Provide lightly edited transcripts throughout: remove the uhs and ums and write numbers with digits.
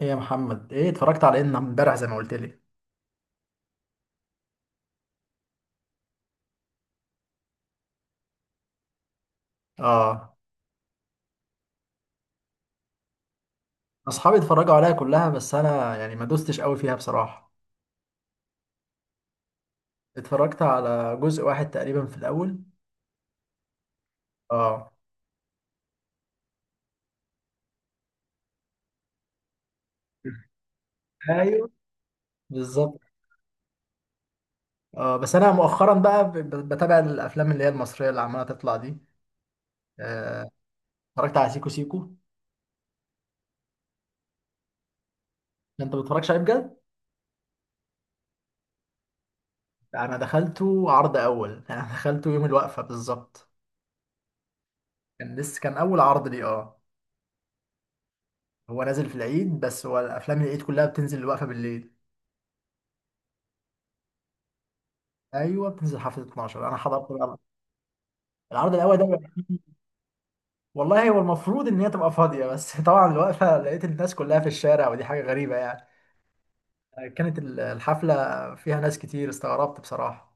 ايه يا محمد، ايه اتفرجت على ان امبارح زي ما قلت لي؟ اه. اصحابي اتفرجوا عليها كلها بس انا يعني ما دوستش قوي فيها بصراحه. اتفرجت على جزء واحد تقريبا في الاول. اه. ايوه بالظبط. اه بس انا مؤخرا بقى بتابع الافلام اللي هي المصريه اللي عماله تطلع دي. آه، اتفرجت على سيكو سيكو. انت ما بتتفرجش عليه بجد؟ انا دخلته عرض اول انا دخلته يوم الوقفه بالظبط. كان لسه، كان اول عرض ليه، اه. هو نازل في العيد، بس هو الافلام العيد كلها بتنزل الوقفه بالليل. ايوه بتنزل حفله 12. انا حضرت بقى العرض الاول ده. والله هو المفروض ان هي تبقى فاضيه بس طبعا الوقفه لقيت الناس كلها في الشارع، ودي حاجه غريبه يعني. كانت الحفله فيها ناس كتير، استغربت بصراحه.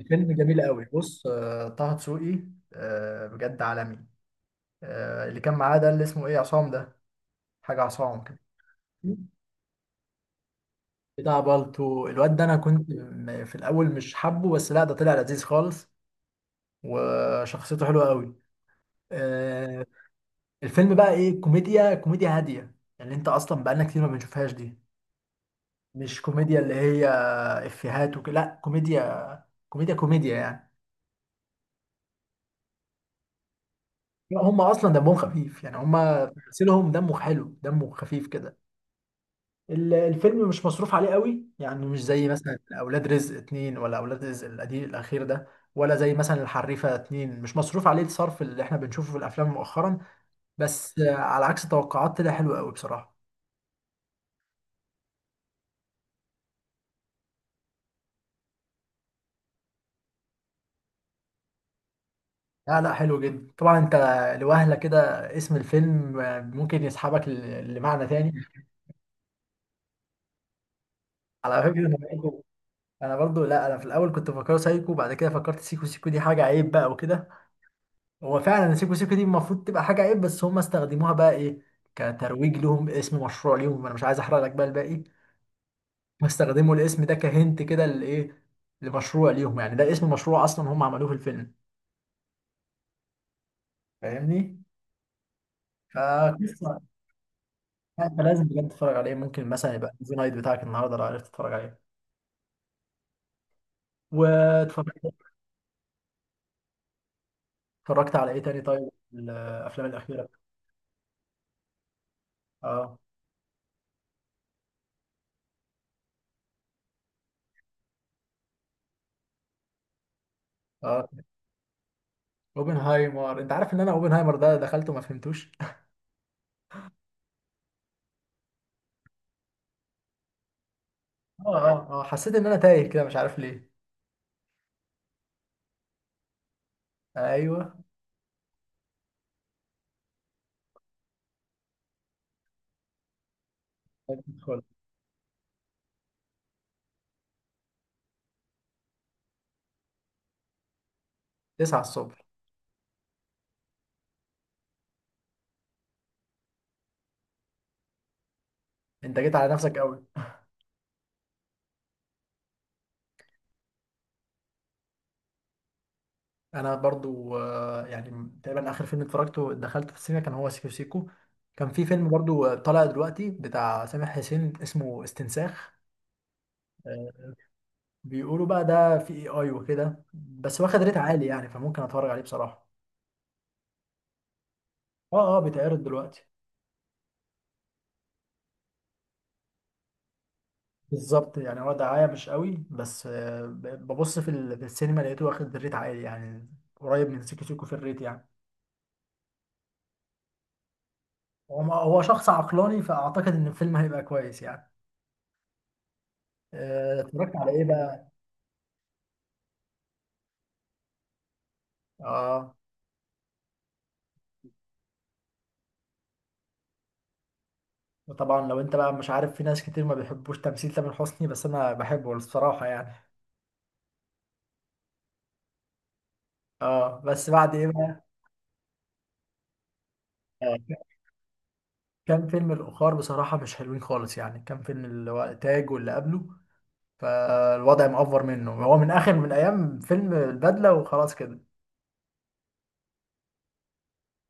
الفيلم جميل قوي، بص، طه دسوقي، بجد عالمي. اللي كان معاه ده اللي اسمه ايه، عصام ده، حاجه عصام كده. بتاع بالتو الواد ده، انا كنت في الاول مش حابه، بس لا ده طلع لذيذ خالص. وشخصيته حلوه قوي. الفيلم بقى ايه، كوميديا، كوميديا هاديه يعني، انت اصلا بقالنا كتير ما بنشوفهاش دي. مش كوميديا اللي هي افيهات وكده، لا كوميديا كوميديا كوميديا يعني. لا، هم اصلا دمهم خفيف يعني، هم تمثيلهم دمه حلو، دمه خفيف كده. الفيلم مش مصروف عليه قوي يعني، مش زي مثلا اولاد رزق اتنين، ولا اولاد رزق القديم الاخير ده. ولا زي مثلا الحريفه اتنين، مش مصروف عليه الصرف اللي احنا بنشوفه في الافلام مؤخرا. بس على عكس توقعات طلع حلو قوي بصراحه. لا لا حلو جدا طبعا. انت لوهلة كده اسم الفيلم، ممكن يسحبك لمعنى تاني. على فكرة انا برضو، انا برضو، لا انا في الاول كنت فاكره سايكو، بعد كده فكرت سيكو سيكو دي حاجة عيب بقى وكده. هو فعلا سيكو سيكو دي المفروض تبقى حاجة عيب، بس هم استخدموها بقى ايه، كترويج لهم، اسم مشروع ليهم. انا مش عايز احرق لك بقى الباقي. استخدموا الاسم ده كهنت كده لايه، لمشروع ليهم يعني، ده اسم مشروع اصلا هم عملوه في الفيلم. فاهمني؟ فقصة. لا، انت لازم بجد تتفرج عليه. ممكن مثلا يبقى زي نايت بتاعك النهارده لو عرفت تتفرج عليه. واتفرجت. اتفرجت على ايه تاني طيب؟ الافلام الاخيره. اه اه اوبنهايمر، انت عارف ان انا اوبنهايمر ده دخلته ما فهمتوش. اه اه اه، حسيت ان انا تايه كده مش عارف ليه. ايوه. ادخل. 9 الصبح! انت جيت على نفسك قوي. انا برضو يعني تقريبا اخر فيلم اتفرجته دخلته في السينما كان هو سيكو سيكو. كان في فيلم برضو طالع دلوقتي بتاع سامح حسين، اسمه استنساخ. آه، بيقولوا بقى ده في اي اي وكده، بس واخد ريت عالي يعني، فممكن اتفرج عليه بصراحة. اه اه بيتعرض دلوقتي. بالظبط يعني هو دعاية مش قوي، بس ببص في السينما لقيته واخد ريت عالي يعني، قريب من سيكو سيكو في الريت يعني. هو هو شخص عقلاني، فاعتقد ان الفيلم هيبقى كويس يعني. اتفرجت على ايه بقى؟ اه طبعا. لو انت بقى مش عارف، في ناس كتير ما بيحبوش تمثيل تامر حسني، بس انا بحبه الصراحة يعني. اه بس بعد ايه بقى، كان فيلم الأخار بصراحة مش حلوين خالص يعني، كان فيلم اللي هو تاج واللي قبله. فالوضع مأفور منه هو من آخر، من أيام فيلم البدلة وخلاص كده.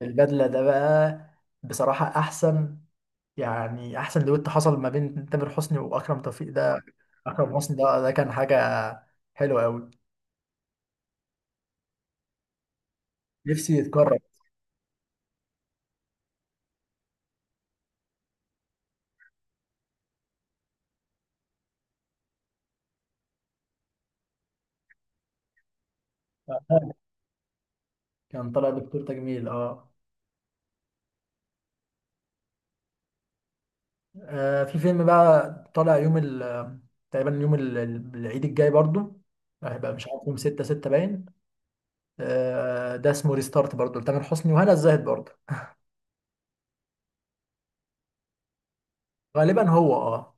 البدلة ده بقى بصراحة أحسن يعني، أحسن دويت حصل ما بين تامر حسني وأكرم توفيق ده. أكرم حسني ده، ده كان حاجة حلوة أوي. نفسي يتكرر. كان طالع دكتور تجميل، اه. في فيلم بقى طالع يوم ال، تقريبا يوم العيد الجاي برضو، هيبقى مش عارف يوم ستة ستة باين. ده اسمه ريستارت برضه، لتامر حسني وهنا الزاهد برضه. غالبا هو، اه.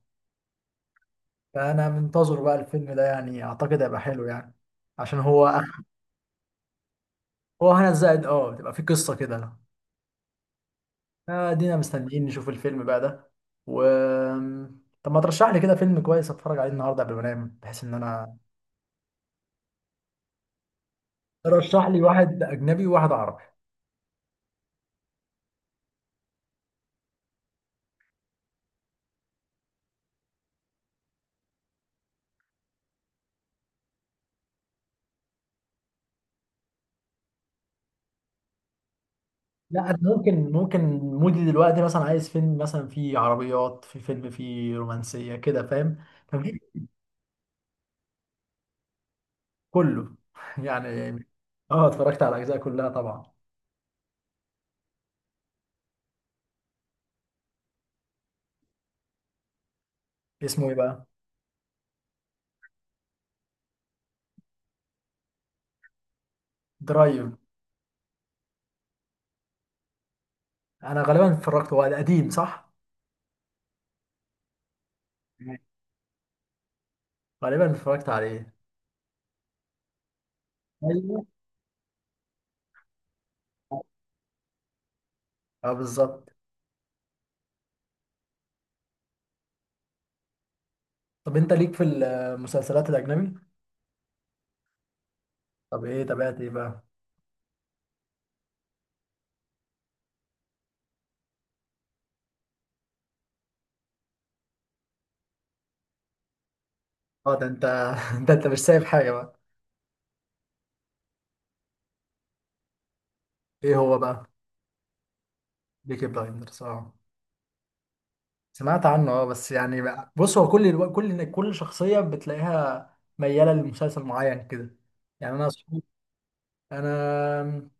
فانا منتظر بقى الفيلم ده يعني، اعتقد هيبقى حلو يعني عشان هو. هو هنا الزاهد اه بتبقى فيه قصة كده. ادينا مستنيين نشوف الفيلم بقى ده. و، طب ما ترشح لي كده فيلم كويس اتفرج عليه النهارده قبل ما انام بحيث ان انا، رشح لي واحد اجنبي وواحد عربي. لا انا ممكن، ممكن مودي دلوقتي مثلا عايز فيلم مثلا فيه عربيات، في فيلم فيه رومانسية كده، فاهم؟ ففي، كله يعني. اه اتفرجت على الاجزاء كلها طبعا. اسمه ايه بقى؟ درايف. انا غالبا اتفرجت، هو قديم صح؟ غالبا اتفرجت عليه. ايوه. اه بالظبط. طب انت ليك في المسلسلات الاجنبي؟ طب ايه تابعت ايه بقى؟ اه ده انت، ده انت مش سايب حاجه بقى. ايه هو بقى؟ بيكي بلايندرز، اه سمعت عنه. اه، بس يعني بقى بص، هو كل كل شخصيه بتلاقيها مياله لمسلسل معين كده يعني. انا صحابي، انا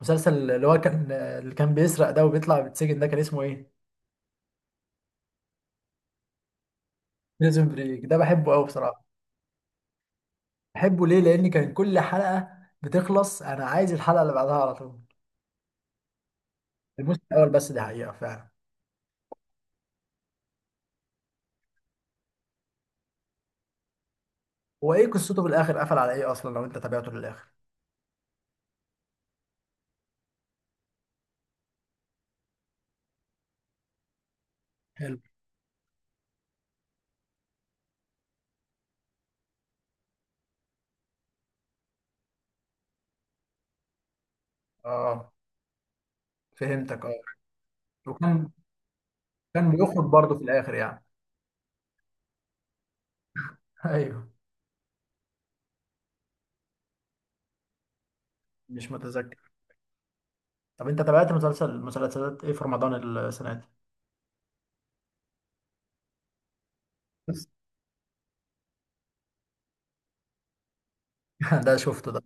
مسلسل اللي هو كان، اللي كان بيسرق ده وبيطلع بيتسجن ده، كان اسمه ايه؟ بريزون بريك ده بحبه قوي بصراحة. بحبه ليه؟ لأن كان كل حلقة بتخلص أنا عايز الحلقة اللي بعدها على طول. الموسم الأول بس، دي حقيقة فعلا. هو ايه قصته في الآخر، قفل على ايه أصلا لو أنت تابعته للآخر؟ حلو. اه فهمتك اه. وكان، كان بيخرج برضه في الآخر يعني. ايوه. مش متذكر. طب أنت تابعت مسلسل، مسلسلات ايه في رمضان السنة دي؟ بس، ده شفته ده.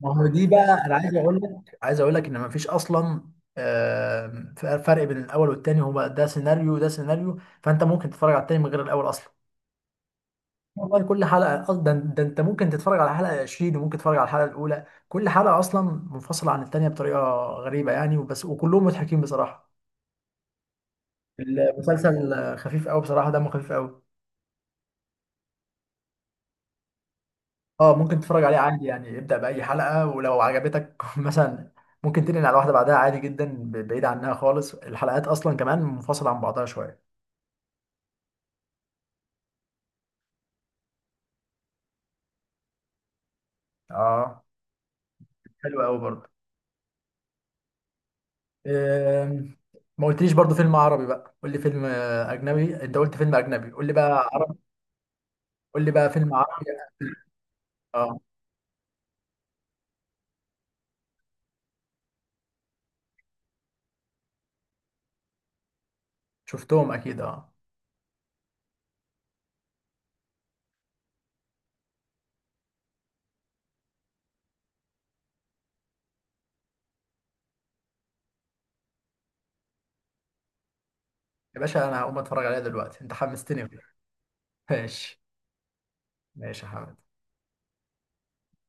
ما هو دي بقى، انا عايز اقول لك، عايز اقول لك ان مفيش اصلا فرق بين الاول والتاني. هو بقى ده سيناريو وده سيناريو، فانت ممكن تتفرج على التاني من غير الاول اصلا. والله كل حلقه أصلاً، ده ده انت ممكن تتفرج على الحلقه 20، وممكن تتفرج على الحلقه الاولى، كل حلقه اصلا منفصله عن التانيه بطريقه غريبه يعني، وبس، وكلهم مضحكين بصراحه. المسلسل خفيف قوي بصراحه، دمه خفيف قوي. اه ممكن تتفرج عليه عادي يعني، ابدأ بأي حلقة ولو عجبتك مثلا ممكن تنقل على واحدة بعدها عادي جدا، بعيد عنها خالص، الحلقات أصلا كمان منفصلة عن بعضها شوية. اه حلو قوي برضه. آم، ما قلتليش برضه فيلم عربي بقى، قول لي فيلم أجنبي، أنت قلت فيلم أجنبي، قول لي بقى عربي. قول لي بقى فيلم عربي. اه شفتهم أكيد اه. يا باشا أنا هقوم أتفرج عليها دلوقتي، أنت حمستني. ماشي. ماشي يا حبيبي.